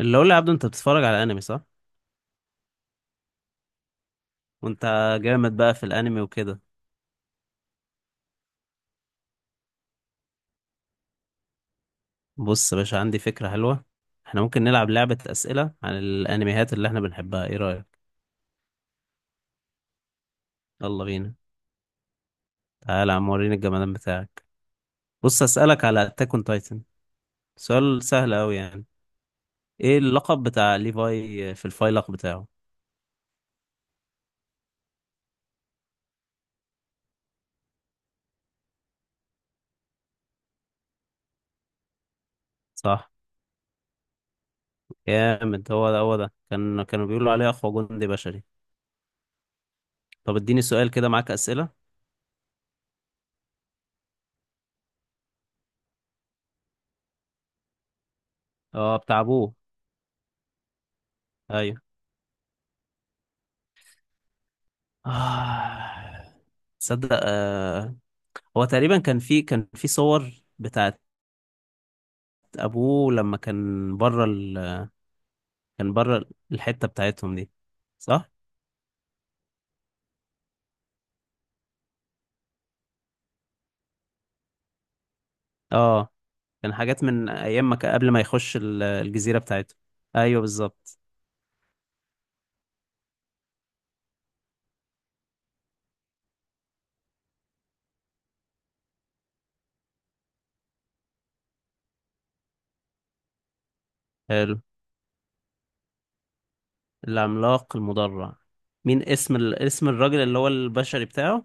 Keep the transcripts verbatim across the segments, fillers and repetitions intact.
اللي اقول لعبده، انت بتتفرج على انمي صح؟ وانت جامد بقى في الانمي وكده. بص يا باشا، عندي فكرة حلوة. احنا ممكن نلعب لعبة اسئلة عن الانميات اللي احنا بنحبها، ايه رأيك؟ يلا بينا، تعالى يا عم وريني الجمدان بتاعك. بص، اسألك على اتاك اون تايتن. سؤال سهل قوي يعني. ايه اللقب بتاع ليفاي في الفايلق بتاعه؟ صح، جامد. هو ده هو ده كان كانوا بيقولوا عليه اقوى جندي بشري. طب اديني سؤال كده، معاك اسئلة. اه، بتاع ابوه. ايوه. آه. تصدق آه. هو تقريبا كان في كان في صور بتاعت ابوه لما كان بره ال... كان بره الحتة بتاعتهم دي. صح. اه، كان حاجات من ايام ما كان- قبل ما يخش ال- الجزيرة بتاعته. ايوه، بالظبط. حلو. العملاق المدرع. مين اسم ال... اسم الراجل اللي هو البشري بتاعه؟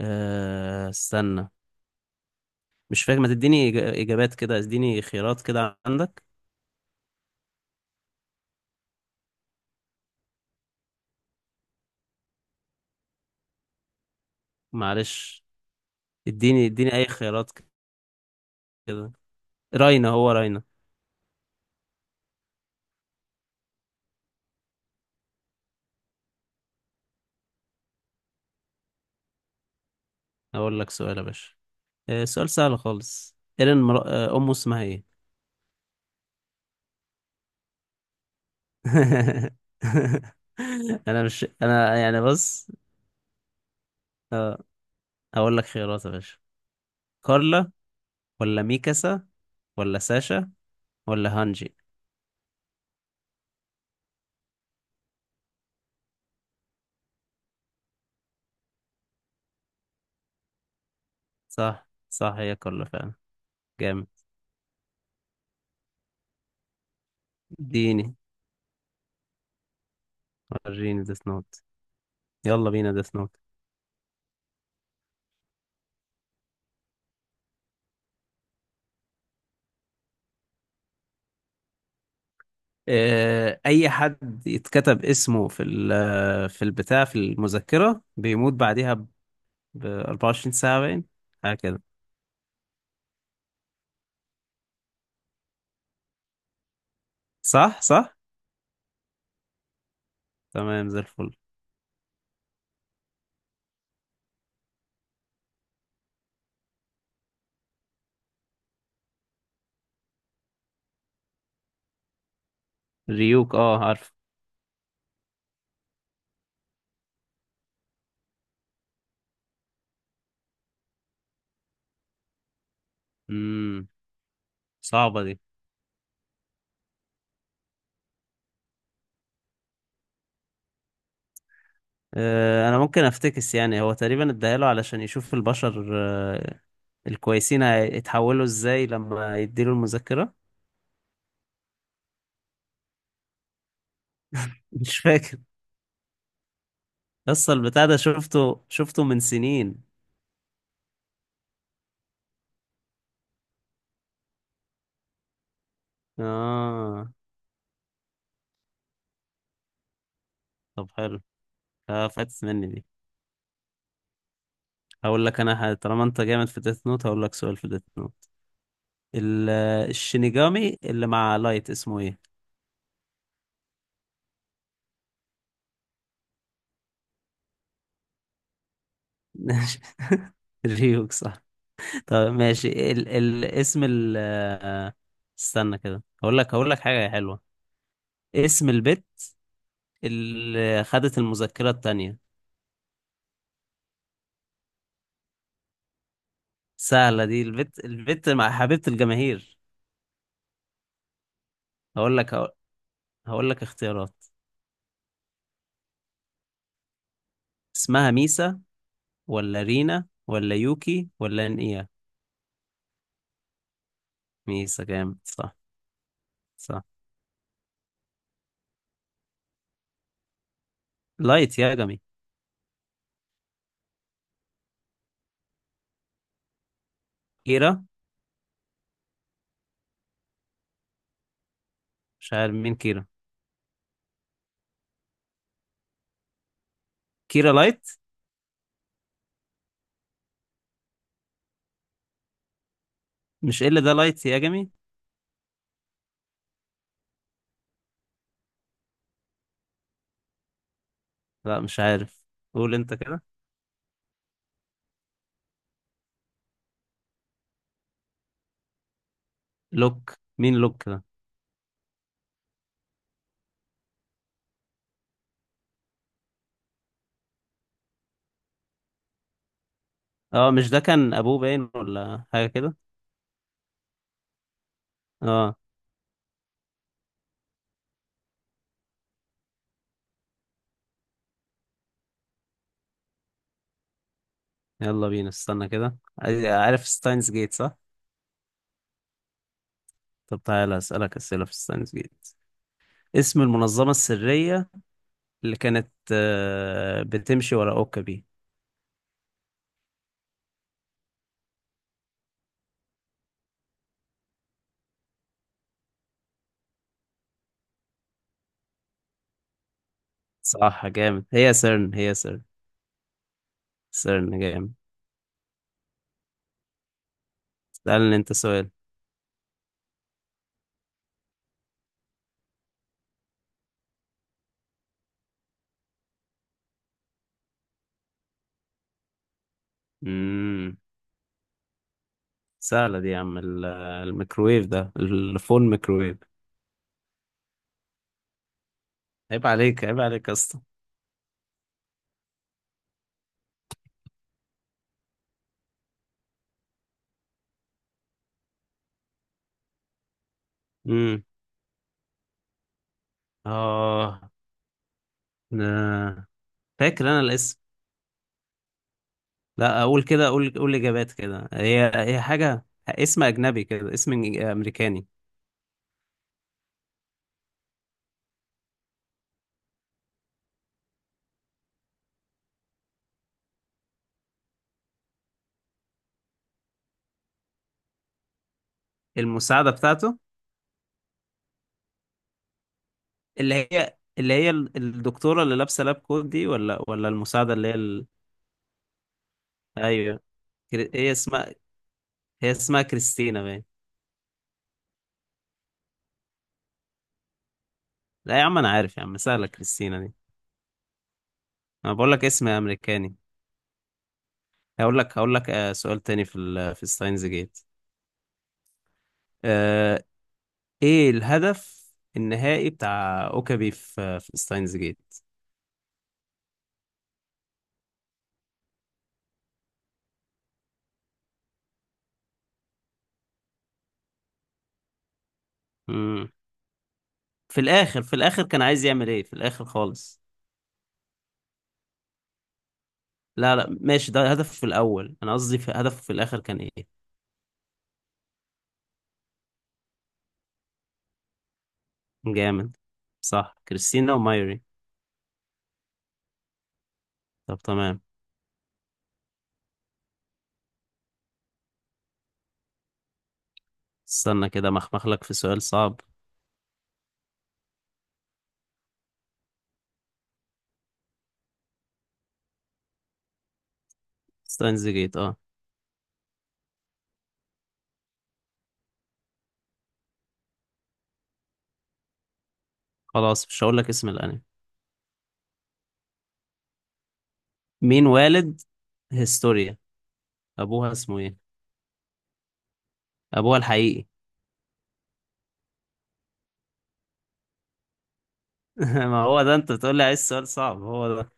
أه... استنى. مش فاكر، ما تديني إج- اجابات كده، اديني خيارات كده عندك. معلش. اديني اديني اي خيارات كده. راينا، هو راينا. اقول لك سؤال يا باشا. آه، سؤال سهل خالص. ايرين مر... آه، امه اسمها ايه؟ انا مش انا يعني، بص. هقول لك خيارات يا باشا. كارلا، ولا ميكاسا، ولا ساشا، ولا هانجي؟ صح، صح، هي كارلا فعلا. جامد. اديني، وريني ديث نوت. يلا بينا ديث نوت. آه، اي حد يتكتب اسمه في ال- في البتاع في المذكرة بيموت بعديها ب اربعة وعشرين ساعة باين، حاجة كده. صح، صح. تمام زي الفل. ريوك، اه عارف. امم صعبة دي. آه انا ممكن افتكس، يعني هو تقريبا اداله علشان يشوف البشر، آه الكويسين هيتحولوا ازاي لما يديله المذكرة. مش فاكر. اصل البتاع ده شفته شفته من سنين. اه. طب حلو. آه فاتت مني دي. هقول لك، انا ه- طالما انت جامد في ديث نوت هقول لك سؤال في ديث نوت. الشينيجامي اللي مع لايت اسمه ايه؟ ريوك، صح. طب ماشي، ال ال اسم ال آه، استنى كده. هقول لك هقول لك حاجة حلوة. اسم البت اللي خدت المذكرة التانية؟ سهلة دي، البت البت مع حبيبة الجماهير. هقول لك هقول هقول لك اختيارات. اسمها ميسا، ولا رينا، ولا يوكي، ولا نيا؟ ميسا، جامد، صح. صح. لايت يا جمي. كيرا؟ مش عارف مين كيرا. كيرا لايت. مش إيه اللي ده، لايت يا جمي. لا، مش عارف. قول انت كده. لوك، مين لوك ده؟ اه مش ده كان ابوه باين، ولا حاجه كده؟ اه. يلا بينا. استنى كده، عايز- عارف ستاينز جيت، صح؟ طب تعالى اسالك اسئله في ستاينز جيت. اسم المنظمه السريه اللي كانت آه، بتمشي ورا اوكابي؟ صح، جامد. هي سيرن، هي سيرن. سيرن، جامد. اسالني انت سؤال. امم سهله دي يا عم، ال- الميكروويف ده، الفون ميكروويف. عيب عليك، عيب عليك يا اسطى. امم اه آه. فاكر انا. لا، اقول كده اقول قول اجابات كده، هي هي حاجه اسم اجنبي كده، اسم امريكاني. المساعده بتاعته. اللي هي اللي هي ال- الدكتوره اللي لابسه لاب كوت دي، ولا ولا المساعده اللي هي ال... ايوه. كري- هي اسمها، هي اسمها كريستينا باين. لا يا عم، انا عارف يا عم، سهله كريستينا دي. انا بقول لك اسم امريكاني. هقول لك هقول لك آه، سؤال تاني في ال... في ستاينز جيت. آه، ايه الهدف النهائي بتاع اوكابي في في ستاينز جيت؟ في الاخر في الاخر كان عايز يعمل ايه في الاخر خالص؟ لا، لا، ماشي، ده هدف في الاول، انا قصدي في هدفه في الاخر كان ايه؟ جامد، صح، كريستينا ومايري. طب تمام. استنى كده، مخمخ لك في سؤال صعب. ستاينز جيت، اه. خلاص مش هقول لك اسم الانمي. مين والد هيستوريا؟ ابوها اسمه ايه؟ ابوها الحقيقي. ما هو ده، انت بتقول لي عايز سؤال صعب، هو ده.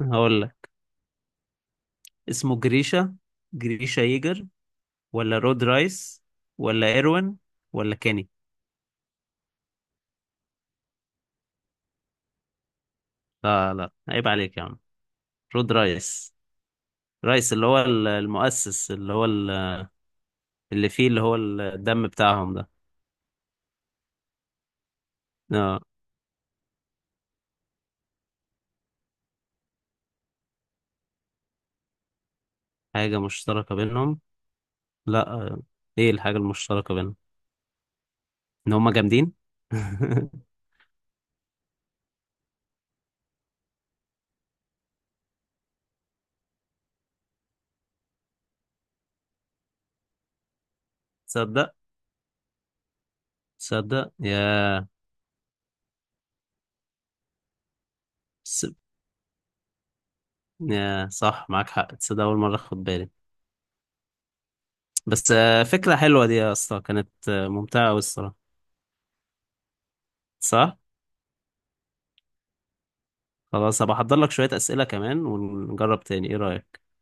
هقول لك اسمه جريشا، جريشا ييجر، ولا رود رايس، ولا ايروين، ولا كيني؟ لا، لا، عيب عليك يا عم، رود رايس. رايس اللي هو ال- المؤسس، اللي هو ال- اللي فيه، اللي هو الدم بتاعهم ده. اه. حاجة مشتركة بينهم؟ لا. آه، ايه الحاجة المشتركة بينهم؟ ان هما جامدين. تصدق، تصدق، يا س... يا صح معاك حق، تصدق اول مرة اخد بالي. بس، آه، فكرة حلوة دي يا اسطى، كانت آه، ممتعة أوي الصراحة. صح. خلاص، هبقى احضر لك شوية أسئلة كمان ونجرب تاني، ايه رأيك؟